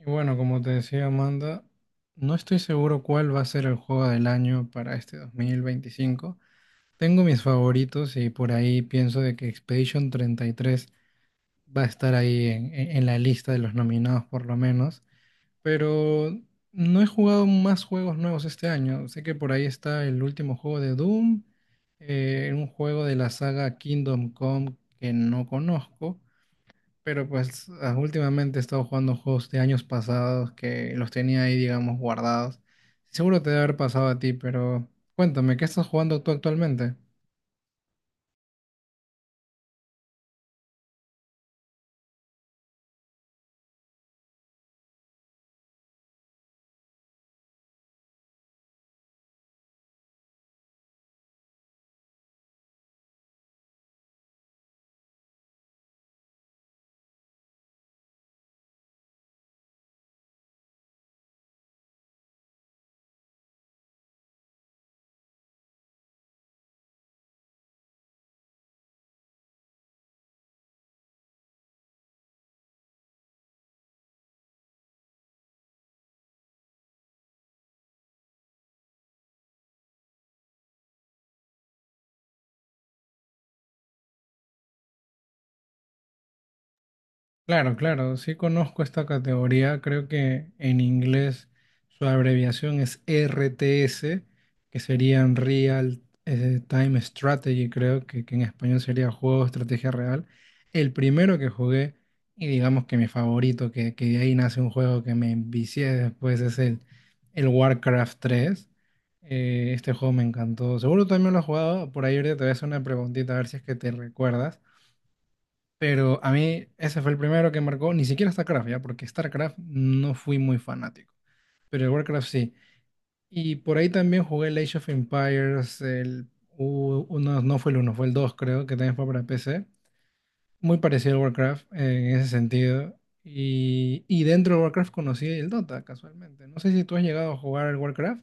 Y bueno, como te decía Amanda, no estoy seguro cuál va a ser el juego del año para este 2025. Tengo mis favoritos y por ahí pienso de que Expedition 33 va a estar ahí en la lista de los nominados por lo menos. Pero no he jugado más juegos nuevos este año. Sé que por ahí está el último juego de Doom, un juego de la saga Kingdom Come que no conozco. Pero pues últimamente he estado jugando juegos de años pasados que los tenía ahí, digamos, guardados. Seguro te debe haber pasado a ti, pero cuéntame, ¿qué estás jugando tú actualmente? Claro, claro, sí conozco esta categoría, creo que en inglés su abreviación es RTS, que serían Real Time Strategy, creo que en español sería Juego de Estrategia Real. El primero que jugué, y digamos que mi favorito, que de ahí nace un juego que me envicié después, es el Warcraft tres. Este juego me encantó, seguro tú también lo has jugado, por ahí ahorita te voy a hacer una preguntita a ver si es que te recuerdas. Pero a mí ese fue el primero que marcó, ni siquiera StarCraft, ¿ya? Porque StarCraft no fui muy fanático, pero el Warcraft sí. Y por ahí también jugué el Age of Empires, el uno, no fue el uno, fue el 2 creo, que también fue para PC. Muy parecido al Warcraft en ese sentido. Y dentro de Warcraft conocí el Dota, casualmente. No sé si tú has llegado a jugar al Warcraft.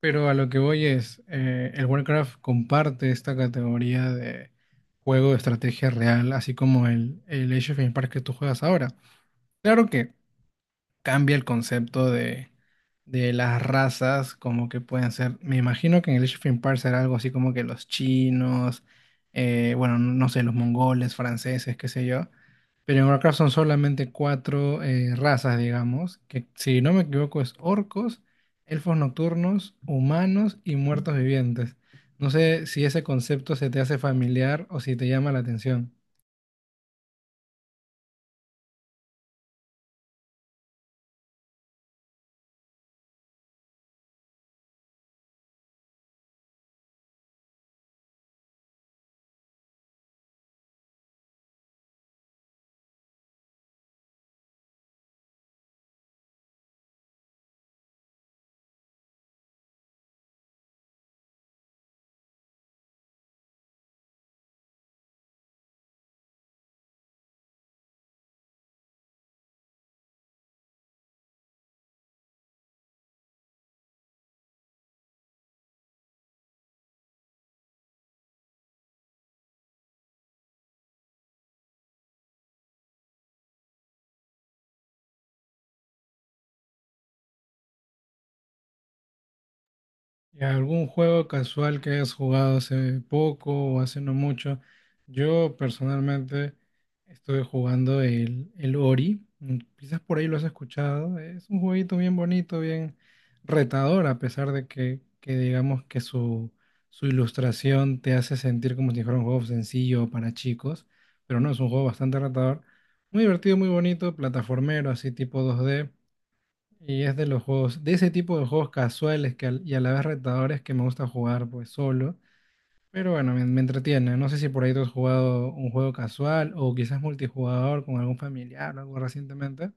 Pero a lo que voy es, el Warcraft comparte esta categoría de juego de estrategia real, así como el Age of Empires que tú juegas ahora. Claro que cambia el concepto de las razas, como que pueden ser, me imagino que en el Age of Empires será algo así como que los chinos, bueno, no sé, los mongoles, franceses, qué sé yo. Pero en Warcraft son solamente cuatro razas, digamos, que si no me equivoco es orcos, elfos nocturnos, humanos y muertos vivientes. No sé si ese concepto se te hace familiar o si te llama la atención. Y algún juego casual que hayas jugado hace poco o hace no mucho. Yo personalmente estuve jugando el Ori. Quizás por ahí lo has escuchado. Es un jueguito bien bonito, bien retador, a pesar de que digamos que su ilustración te hace sentir como si fuera un juego sencillo para chicos. Pero no, es un juego bastante retador. Muy divertido, muy bonito, plataformero, así tipo dos d, y es de los juegos, de ese tipo de juegos casuales y a la vez retadores que me gusta jugar pues solo. Pero bueno, me entretiene. No sé si por ahí tú has jugado un juego casual o quizás multijugador con algún familiar o algo recientemente.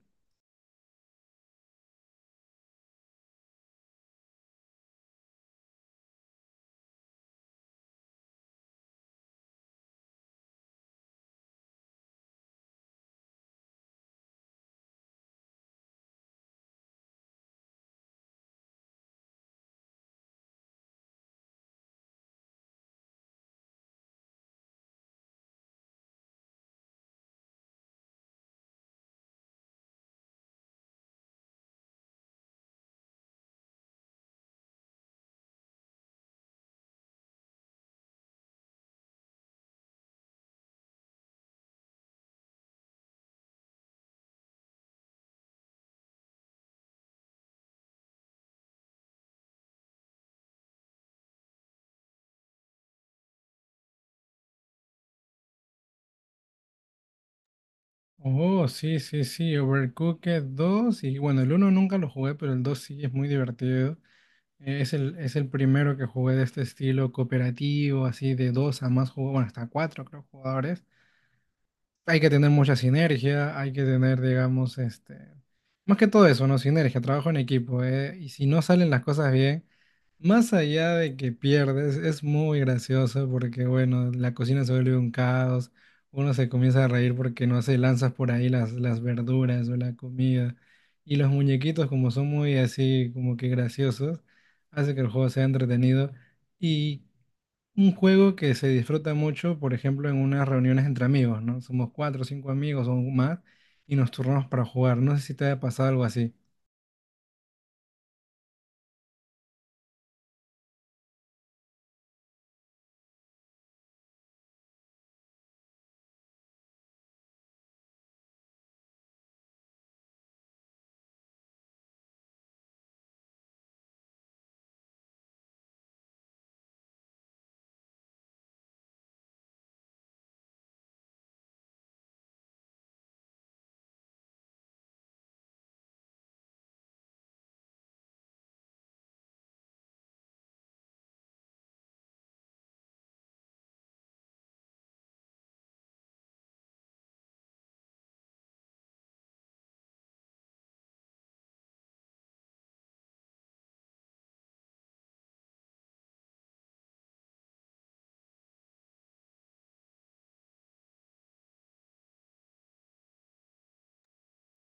Oh, sí, sí, sí, Overcooked dos. Y bueno, el uno nunca lo jugué, pero el 2 sí es muy divertido. Es es el primero que jugué de este estilo cooperativo, así de dos a más jugadores, bueno, hasta cuatro creo jugadores. Hay que tener mucha sinergia, hay que tener, digamos, este, más que todo eso, ¿no? Sinergia, trabajo en equipo, ¿eh? Y si no salen las cosas bien, más allá de que pierdes, es muy gracioso porque, bueno, la cocina se vuelve un caos, uno se comienza a reír porque, no sé, lanzas por ahí las verduras o la comida, y los muñequitos, como son muy así, como que graciosos, hace que el juego sea entretenido. Y un juego que se disfruta mucho, por ejemplo, en unas reuniones entre amigos, ¿no? Somos cuatro o cinco amigos o más y nos turnamos para jugar. No sé si te haya pasado algo así.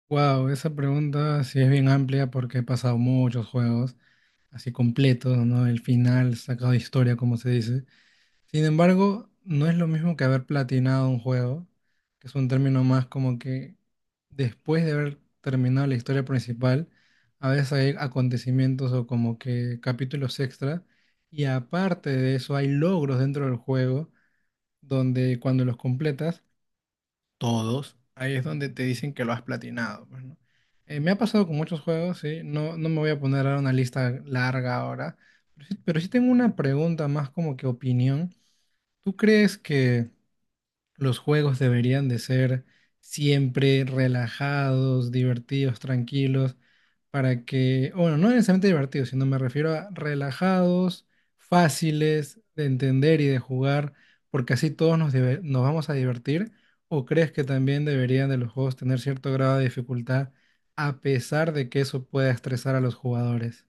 Wow, esa pregunta sí es bien amplia porque he pasado muchos juegos así completos, ¿no? El final sacado de historia, como se dice. Sin embargo, no es lo mismo que haber platinado un juego, que es un término más como que después de haber terminado la historia principal, a veces hay acontecimientos o como que capítulos extra, y aparte de eso hay logros dentro del juego donde cuando los completas, todos, ahí es donde te dicen que lo has platinado, pues, ¿no? Me ha pasado con muchos juegos, sí, no me voy a poner ahora una lista larga ahora, pero sí tengo una pregunta más como que opinión. ¿Tú crees que los juegos deberían de ser siempre relajados, divertidos, tranquilos, para que, bueno, no necesariamente divertidos, sino me refiero a relajados, fáciles de entender y de jugar, porque así todos nos vamos a divertir? ¿O crees que también deberían de los juegos tener cierto grado de dificultad, a pesar de que eso pueda estresar a los jugadores?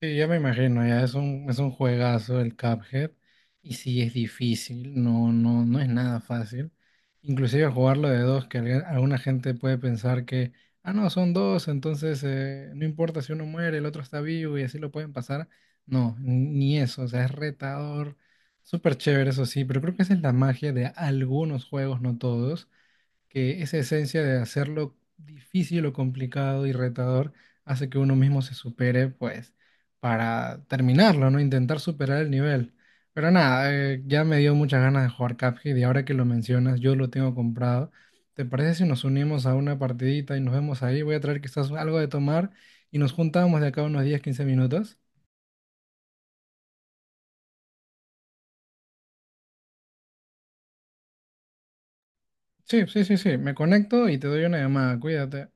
Sí, ya me imagino, ya es un juegazo el Cuphead. Y sí, es difícil, no es nada fácil. Inclusive jugarlo de dos, alguna gente puede pensar que, ah, no, son dos, entonces no importa si uno muere, el otro está vivo y así lo pueden pasar. No, ni eso, o sea, es retador, súper chévere, eso sí, pero creo que esa es la magia de algunos juegos, no todos, que esa esencia de hacerlo difícil o complicado y retador hace que uno mismo se supere, pues, para terminarlo, ¿no? Intentar superar el nivel. Pero nada, ya me dio muchas ganas de jugar Cuphead y ahora que lo mencionas, yo lo tengo comprado. ¿Te parece si nos unimos a una partidita y nos vemos ahí? Voy a traer quizás algo de tomar y nos juntamos de acá a unos 10, 15 minutos. Sí, sí, sí, sí, me conecto y te doy una llamada, cuídate.